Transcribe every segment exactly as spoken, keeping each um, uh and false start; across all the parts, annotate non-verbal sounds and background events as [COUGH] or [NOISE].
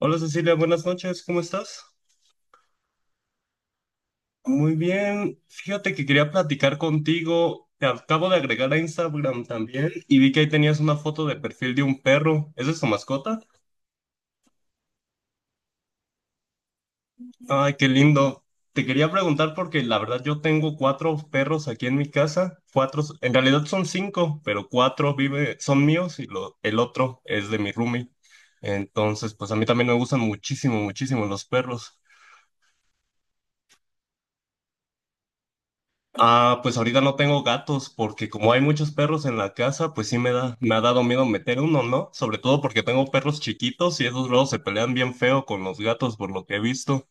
Hola Cecilia, buenas noches, ¿cómo estás? Muy bien, fíjate que quería platicar contigo, te acabo de agregar a Instagram también y vi que ahí tenías una foto de perfil de un perro, ¿esa es tu mascota? Ay, qué lindo. Te quería preguntar porque la verdad yo tengo cuatro perros aquí en mi casa, cuatro, en realidad son cinco, pero cuatro vive, son míos y lo, el otro es de mi roomie. Entonces, pues a mí también me gustan muchísimo, muchísimo los perros. Ah, pues ahorita no tengo gatos porque como hay muchos perros en la casa, pues sí me da, me ha dado miedo meter uno, ¿no? Sobre todo porque tengo perros chiquitos y esos luego se pelean bien feo con los gatos por lo que he visto.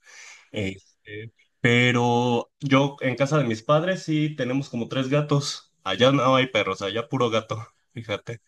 Este, pero yo en casa de mis padres sí tenemos como tres gatos. Allá no hay perros, allá puro gato, fíjate.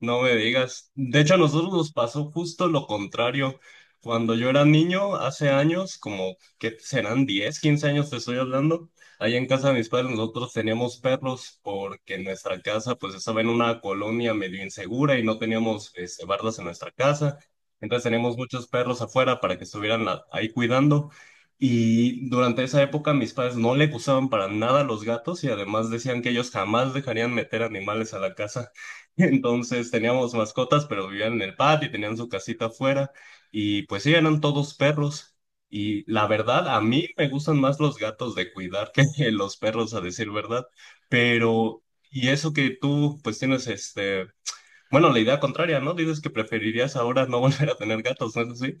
No me digas. De hecho, a nosotros nos pasó justo lo contrario. Cuando yo era niño, hace años, como que serán diez, quince años te estoy hablando, allá en casa de mis padres nosotros teníamos perros porque en nuestra casa pues estaba en una colonia medio insegura y no teníamos este, bardas en nuestra casa. Entonces teníamos muchos perros afuera para que estuvieran la- ahí cuidando. Y durante esa época mis padres no le gustaban para nada los gatos y además decían que ellos jamás dejarían meter animales a la casa. [LAUGHS] Entonces teníamos mascotas, pero vivían en el patio y tenían su casita afuera. Y pues sí, eran todos perros. Y la verdad, a mí me gustan más los gatos de cuidar que [LAUGHS] los perros, a decir verdad. Pero, y eso que tú, pues tienes este, bueno, la idea contraria, ¿no? Dices que preferirías ahora no [LAUGHS] volver a tener gatos, ¿no es así?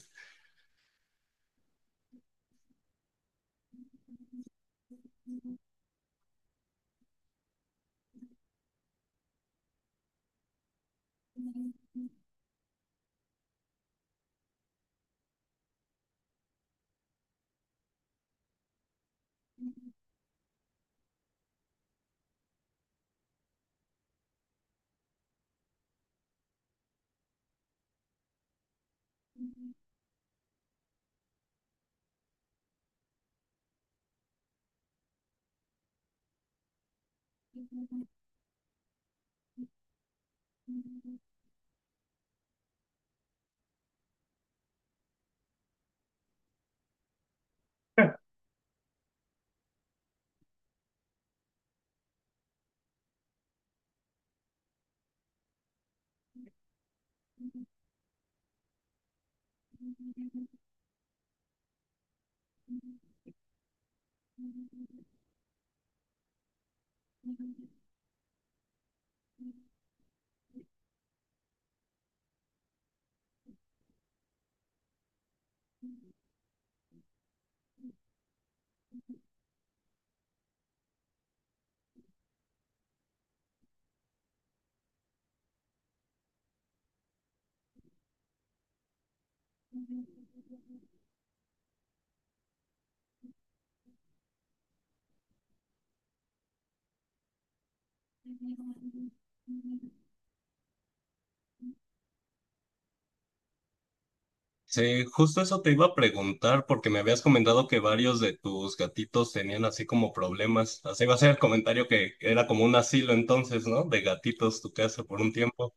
Sí, justo eso te iba a preguntar porque me habías comentado que varios de tus gatitos tenían así como problemas. Así va a ser el comentario que era como un asilo entonces, ¿no? De gatitos tu casa por un tiempo.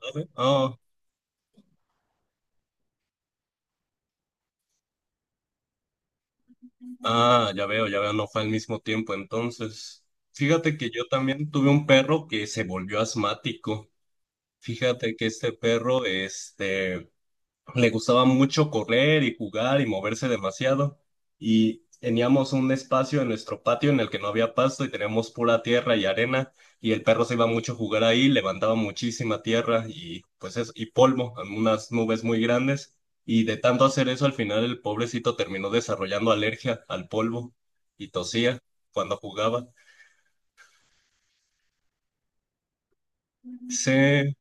¿Sabe? Oh, ah, ya veo, ya veo, no fue al mismo tiempo entonces. Fíjate que yo también tuve un perro que se volvió asmático. Fíjate que este perro, este, le gustaba mucho correr y jugar y moverse demasiado. Y teníamos un espacio en nuestro patio en el que no había pasto y teníamos pura tierra y arena. Y el perro se iba mucho a jugar ahí, levantaba muchísima tierra y pues es, y polvo, unas nubes muy grandes. Y de tanto hacer eso, al final el pobrecito terminó desarrollando alergia al polvo y tosía cuando jugaba. Sí,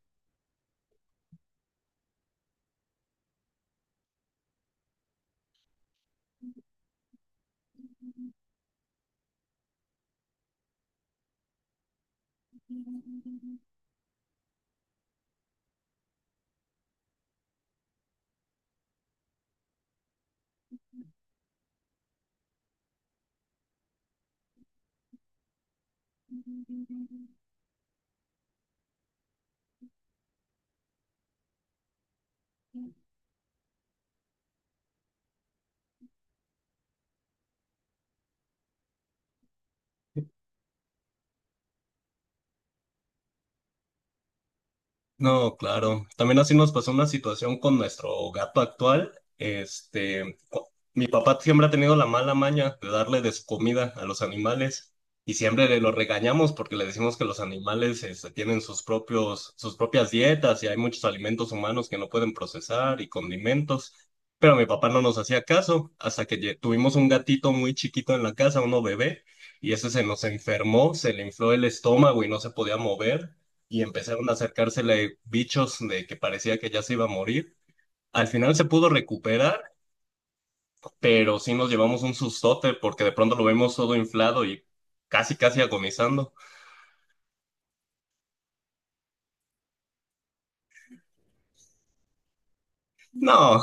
no, claro. También así nos pasó una situación con nuestro gato actual. Este, co- mi papá siempre ha tenido la mala maña de darle de su comida a los animales y siempre le lo regañamos porque le decimos que los animales este, tienen sus propios, sus propias dietas y hay muchos alimentos humanos que no pueden procesar y condimentos. Pero mi papá no nos hacía caso hasta que lle- tuvimos un gatito muy chiquito en la casa, uno bebé, y ese se nos enfermó, se le infló el estómago y no se podía mover y empezaron a acercársele bichos de que parecía que ya se iba a morir. Al final se pudo recuperar, pero sí nos llevamos un sustote porque de pronto lo vemos todo inflado y casi, casi agonizando. No,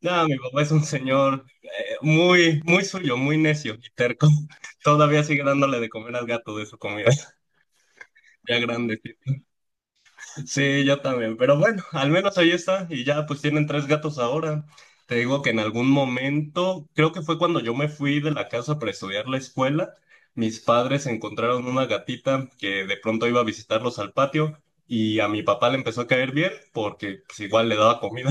no, mi papá es un señor eh, muy, muy suyo, muy necio y terco. [LAUGHS] Todavía sigue dándole de comer al gato de su comida, [LAUGHS] ya grande. Sí, yo también. Pero bueno, al menos ahí está. Y ya pues tienen tres gatos ahora. Te digo que en algún momento, creo que fue cuando yo me fui de la casa para estudiar la escuela, mis padres encontraron una gatita que de pronto iba a visitarlos al patio y a mi papá le empezó a caer bien porque pues igual le daba comida.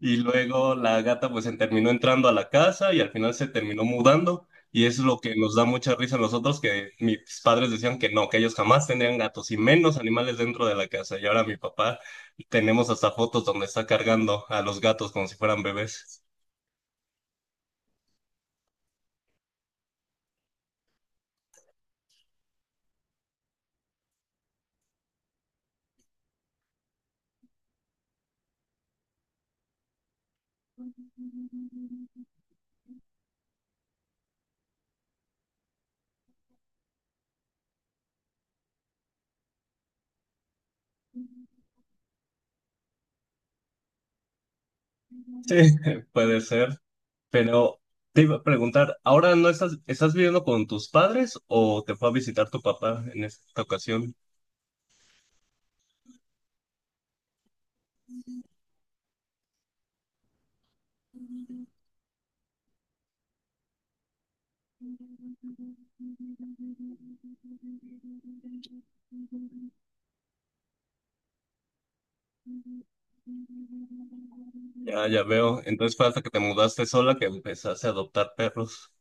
Y luego la gata pues se terminó entrando a la casa y al final se terminó mudando. Y es lo que nos da mucha risa a nosotros, que mis padres decían que no, que ellos jamás tendrían gatos y menos animales dentro de la casa. Y ahora mi papá tenemos hasta fotos donde está cargando a los gatos como si fueran bebés. Sí, [LAUGHS] puede ser. Pero te iba a preguntar, ¿ahora no estás, estás viviendo con tus padres o te fue a visitar tu papá en esta ocasión? Ya, ya veo. Entonces fue hasta que te mudaste sola que empezaste a adoptar perros.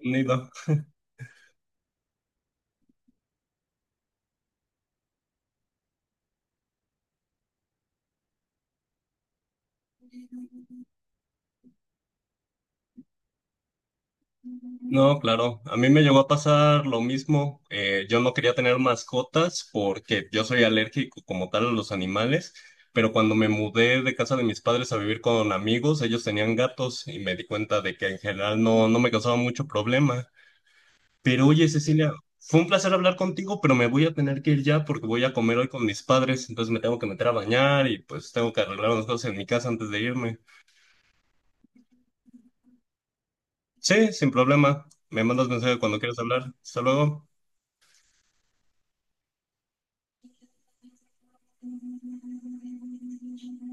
Nido. No, claro. A mí me llegó a pasar lo mismo. Eh, yo no quería tener mascotas porque yo soy alérgico como tal a los animales, pero cuando me mudé de casa de mis padres a vivir con amigos, ellos tenían gatos y me di cuenta de que en general no, no me causaba mucho problema. Pero oye, Cecilia, fue un placer hablar contigo, pero me voy a tener que ir ya porque voy a comer hoy con mis padres, entonces me tengo que meter a bañar y pues tengo que arreglar unas cosas en mi casa antes de irme. Sí, sin problema. Me mandas mensaje cuando quieras hablar. Hasta luego.